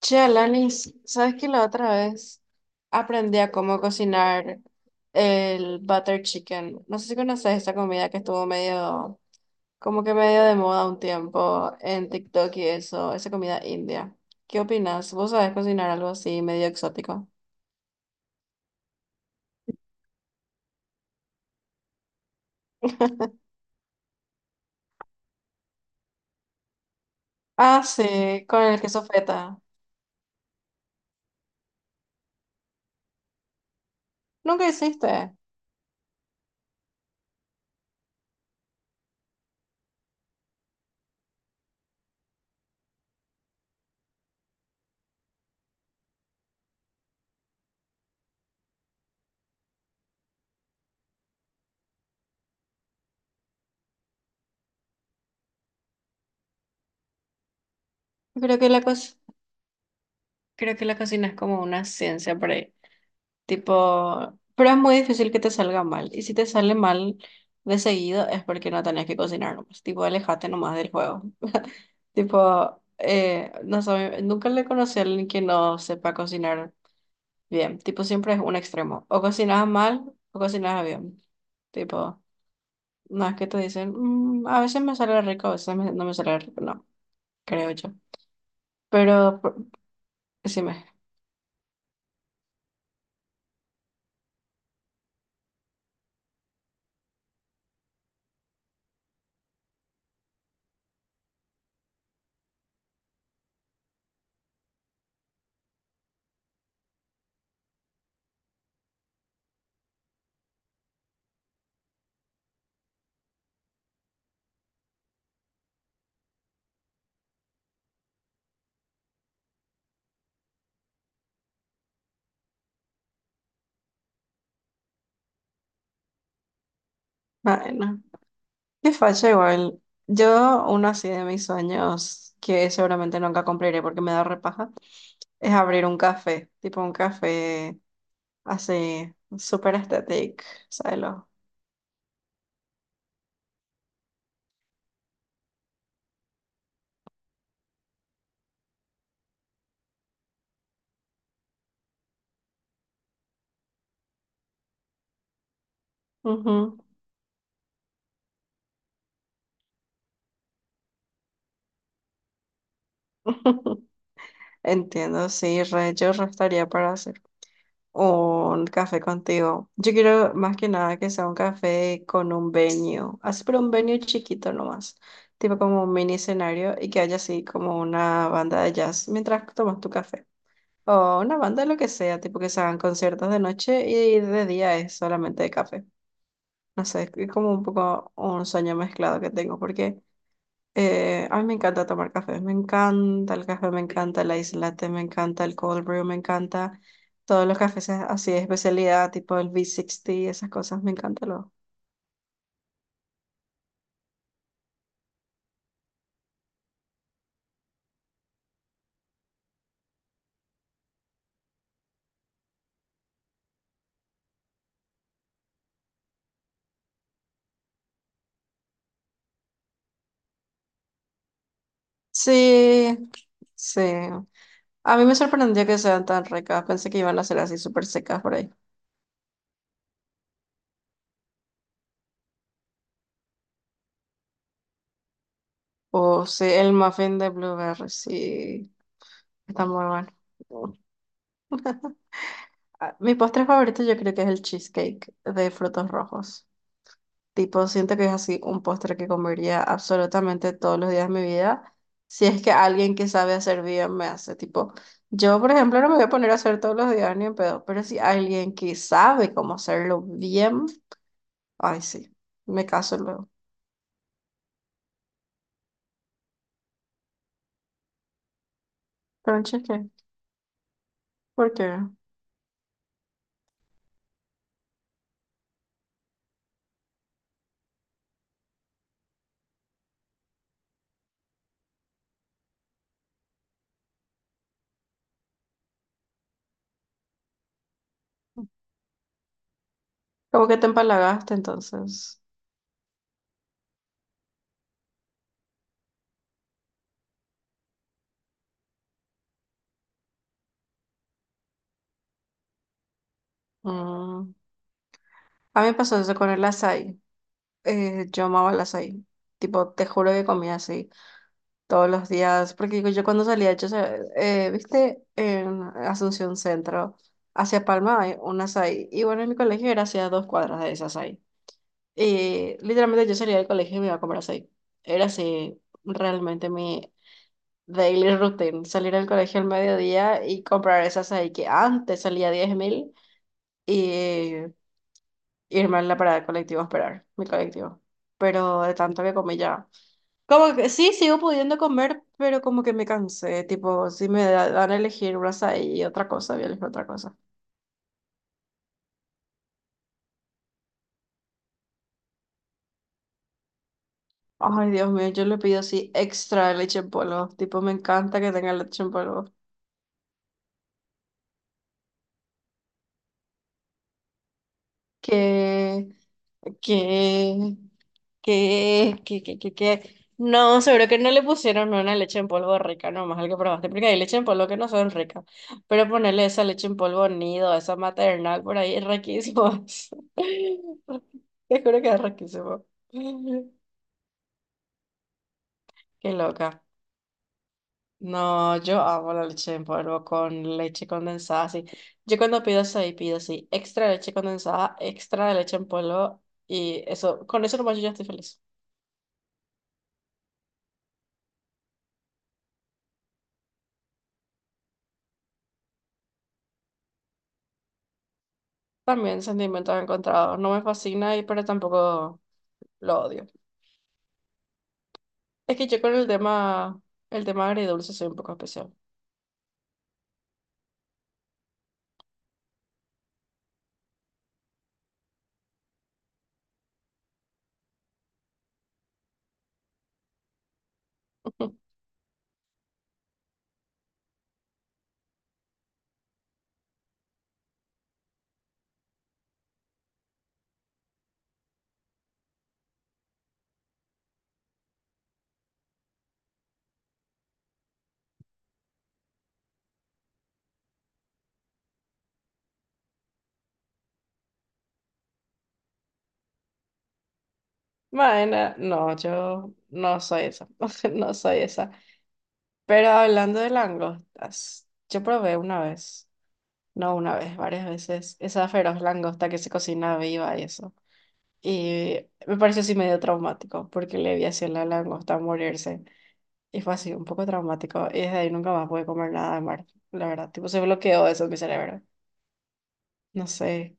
Che, Alanis, ¿sabes que la otra vez aprendí a cómo cocinar el butter chicken? No sé si conoces esa comida que estuvo medio, como que medio de moda un tiempo en TikTok y eso, esa comida india. ¿Qué opinas? ¿Vos sabés cocinar algo así medio exótico? Ah, sí, con el queso feta. Nunca hiciste. Creo que la co- Creo que la cocina es como una ciencia por ahí. Tipo, pero es muy difícil que te salga mal. Y si te sale mal de seguido es porque no tenés que cocinar nomás. Tipo, alejate nomás del juego. Tipo, nunca le conocí a alguien que no sepa cocinar bien. Tipo, siempre es un extremo. O cocinas mal o cocinas bien. Tipo, no es que te dicen, "Mm, a veces me sale rico, no me sale rico". No, creo yo. Pero, por- decime. Ah, no. Qué facha igual. Yo, uno así de mis sueños, que seguramente nunca cumpliré porque me da repaja, es abrir un café, tipo un café así, súper estético, ¿sabes? ¿Lo? Ujú. Entiendo, sí, re, yo re estaría para hacer un café contigo. Yo quiero más que nada que sea un café con un venue, así pero un venue chiquito nomás, tipo como un mini escenario y que haya así como una banda de jazz mientras tomas tu café. O una banda, lo que sea, tipo que se hagan conciertos de noche y de día es solamente de café. No sé, es como un poco un sueño mezclado que tengo, porque a mí me encanta tomar café. Me encanta el café, me encanta el ice latte, me encanta el cold brew, me encanta todos los cafés así de especialidad, tipo el V60, esas cosas, me encanta lo. Sí, sí. A mí me sorprendió que sean tan ricas. Pensé que iban a ser así súper secas por ahí. O sí, el muffin de blueberry, sí. Está muy bueno. Ah, mi postre favorito yo creo que es el cheesecake de frutos rojos. Tipo, siento que es así un postre que comería absolutamente todos los días de mi vida. Si es que alguien que sabe hacer bien me hace. Tipo, yo, por ejemplo, no me voy a poner a hacer todos los días ni en pedo, pero si alguien que sabe cómo hacerlo bien, ay, sí, me caso luego. Pero un cheesecake, ¿por qué? Como que te empalagaste entonces. Mm. A mí me pasó eso con el açaí. Yo amaba las açaí. Tipo, te juro que comía así todos los días. Porque digo, yo cuando salía, yo, viste, en Asunción Centro, hacia Palma hay un açaí. Y bueno, en mi colegio era hacia dos cuadras de ese açaí. Y literalmente yo salía del colegio y me iba a comer açaí. Era así, realmente mi daily routine. Salir del colegio al mediodía y comprar ese açaí que antes salía 10.000 y irme a la parada del colectivo a esperar mi colectivo. Pero de tanto que comí ya. Como que sí, sigo pudiendo comer, pero como que me cansé. Tipo, si dan a elegir una y otra cosa, voy a elegir otra cosa. Ay, Dios mío, yo le pido así extra leche en polvo. Tipo, me encanta que tenga leche en polvo. Que ¿qué? ¿Qué? ¿Qué? ¿Qué? ¿Qué? ¿Qué? No, seguro que no le pusieron una leche en polvo rica, nomás al que probaste, porque hay leche en polvo que no son ricas. Pero ponerle esa leche en polvo nido, esa maternal por ahí, es riquísimo. Te juro que es riquísimo. Qué loca. No, yo amo la leche en polvo con leche condensada, así. Yo cuando pido ahí pido así, extra leche condensada, extra leche en polvo, y eso, con eso nomás yo ya estoy feliz. También sentimientos encontrados. No me fascina y pero tampoco lo odio. Es que yo con el tema agridulce soy un poco especial. Bueno, no, yo no soy esa. No soy esa. Pero hablando de langostas, yo probé una vez, no una vez, varias veces, esa feroz langosta que se cocina viva y eso. Y me pareció así medio traumático, porque le vi así a la langosta morirse. Y fue así, un poco traumático. Y desde ahí nunca más pude comer nada de mar, la verdad. Tipo, se bloqueó eso en mi cerebro. No sé.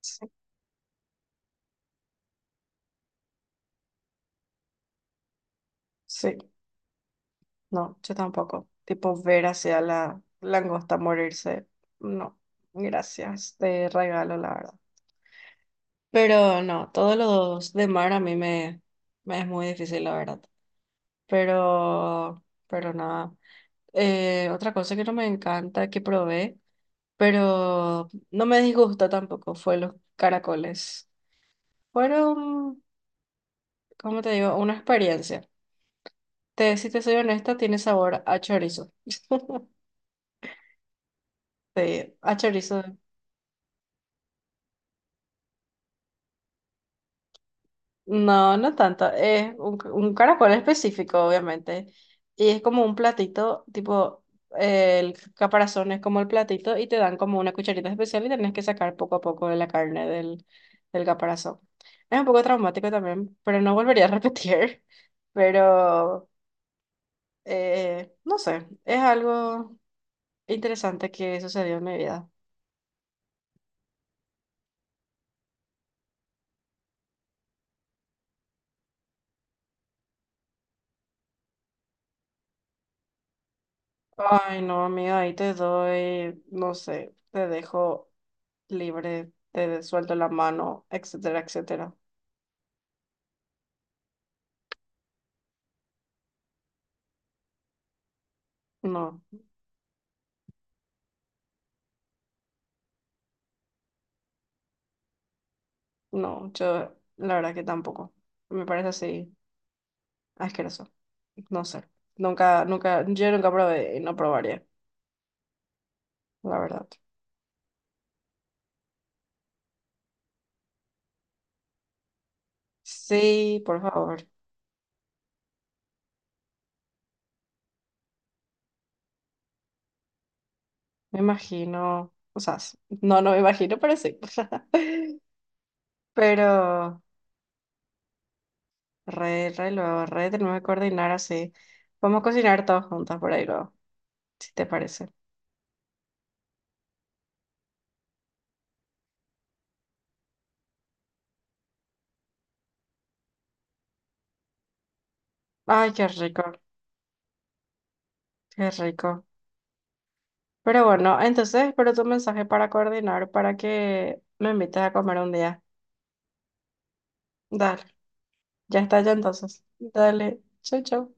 Sí, sí, no, yo tampoco. Tipo, ver hacia la langosta morirse. No, gracias, te regalo, la verdad. Pero no, todos los de mar a mí me es muy difícil, la verdad. Pero nada. Otra cosa que no me encanta, que probé, pero no me disgusta tampoco, fue los caracoles. Fueron, ¿cómo te digo? Una experiencia. Te, si te soy honesta, tiene sabor a chorizo. Sí, a chorizo. No, no tanto. Es un caracol específico, obviamente. Y es como un platito, tipo, el caparazón es como el platito y te dan como una cucharita especial y tenés que sacar poco a poco de la carne del caparazón. Es un poco traumático también, pero no volvería a repetir. Pero, no sé, es algo... interesante que sucedió en mi vida. Ay, no, amiga, ahí te doy, no sé, te dejo libre, te suelto la mano, etcétera, etcétera. No, no, yo la verdad que tampoco. Me parece así asqueroso. No sé. Nunca, nunca, yo nunca probé y no probaría, la verdad. Sí, por favor. Me imagino, o sea, no, no me imagino, pero sí. Pero re, re luego, re tenemos que coordinar así. Vamos a cocinar todos juntas por ahí luego, si te parece. Ay, qué rico, qué rico. Pero bueno, entonces espero tu mensaje para coordinar, para que me invites a comer un día. Dale, ya está ya entonces. Dale, chau, chau.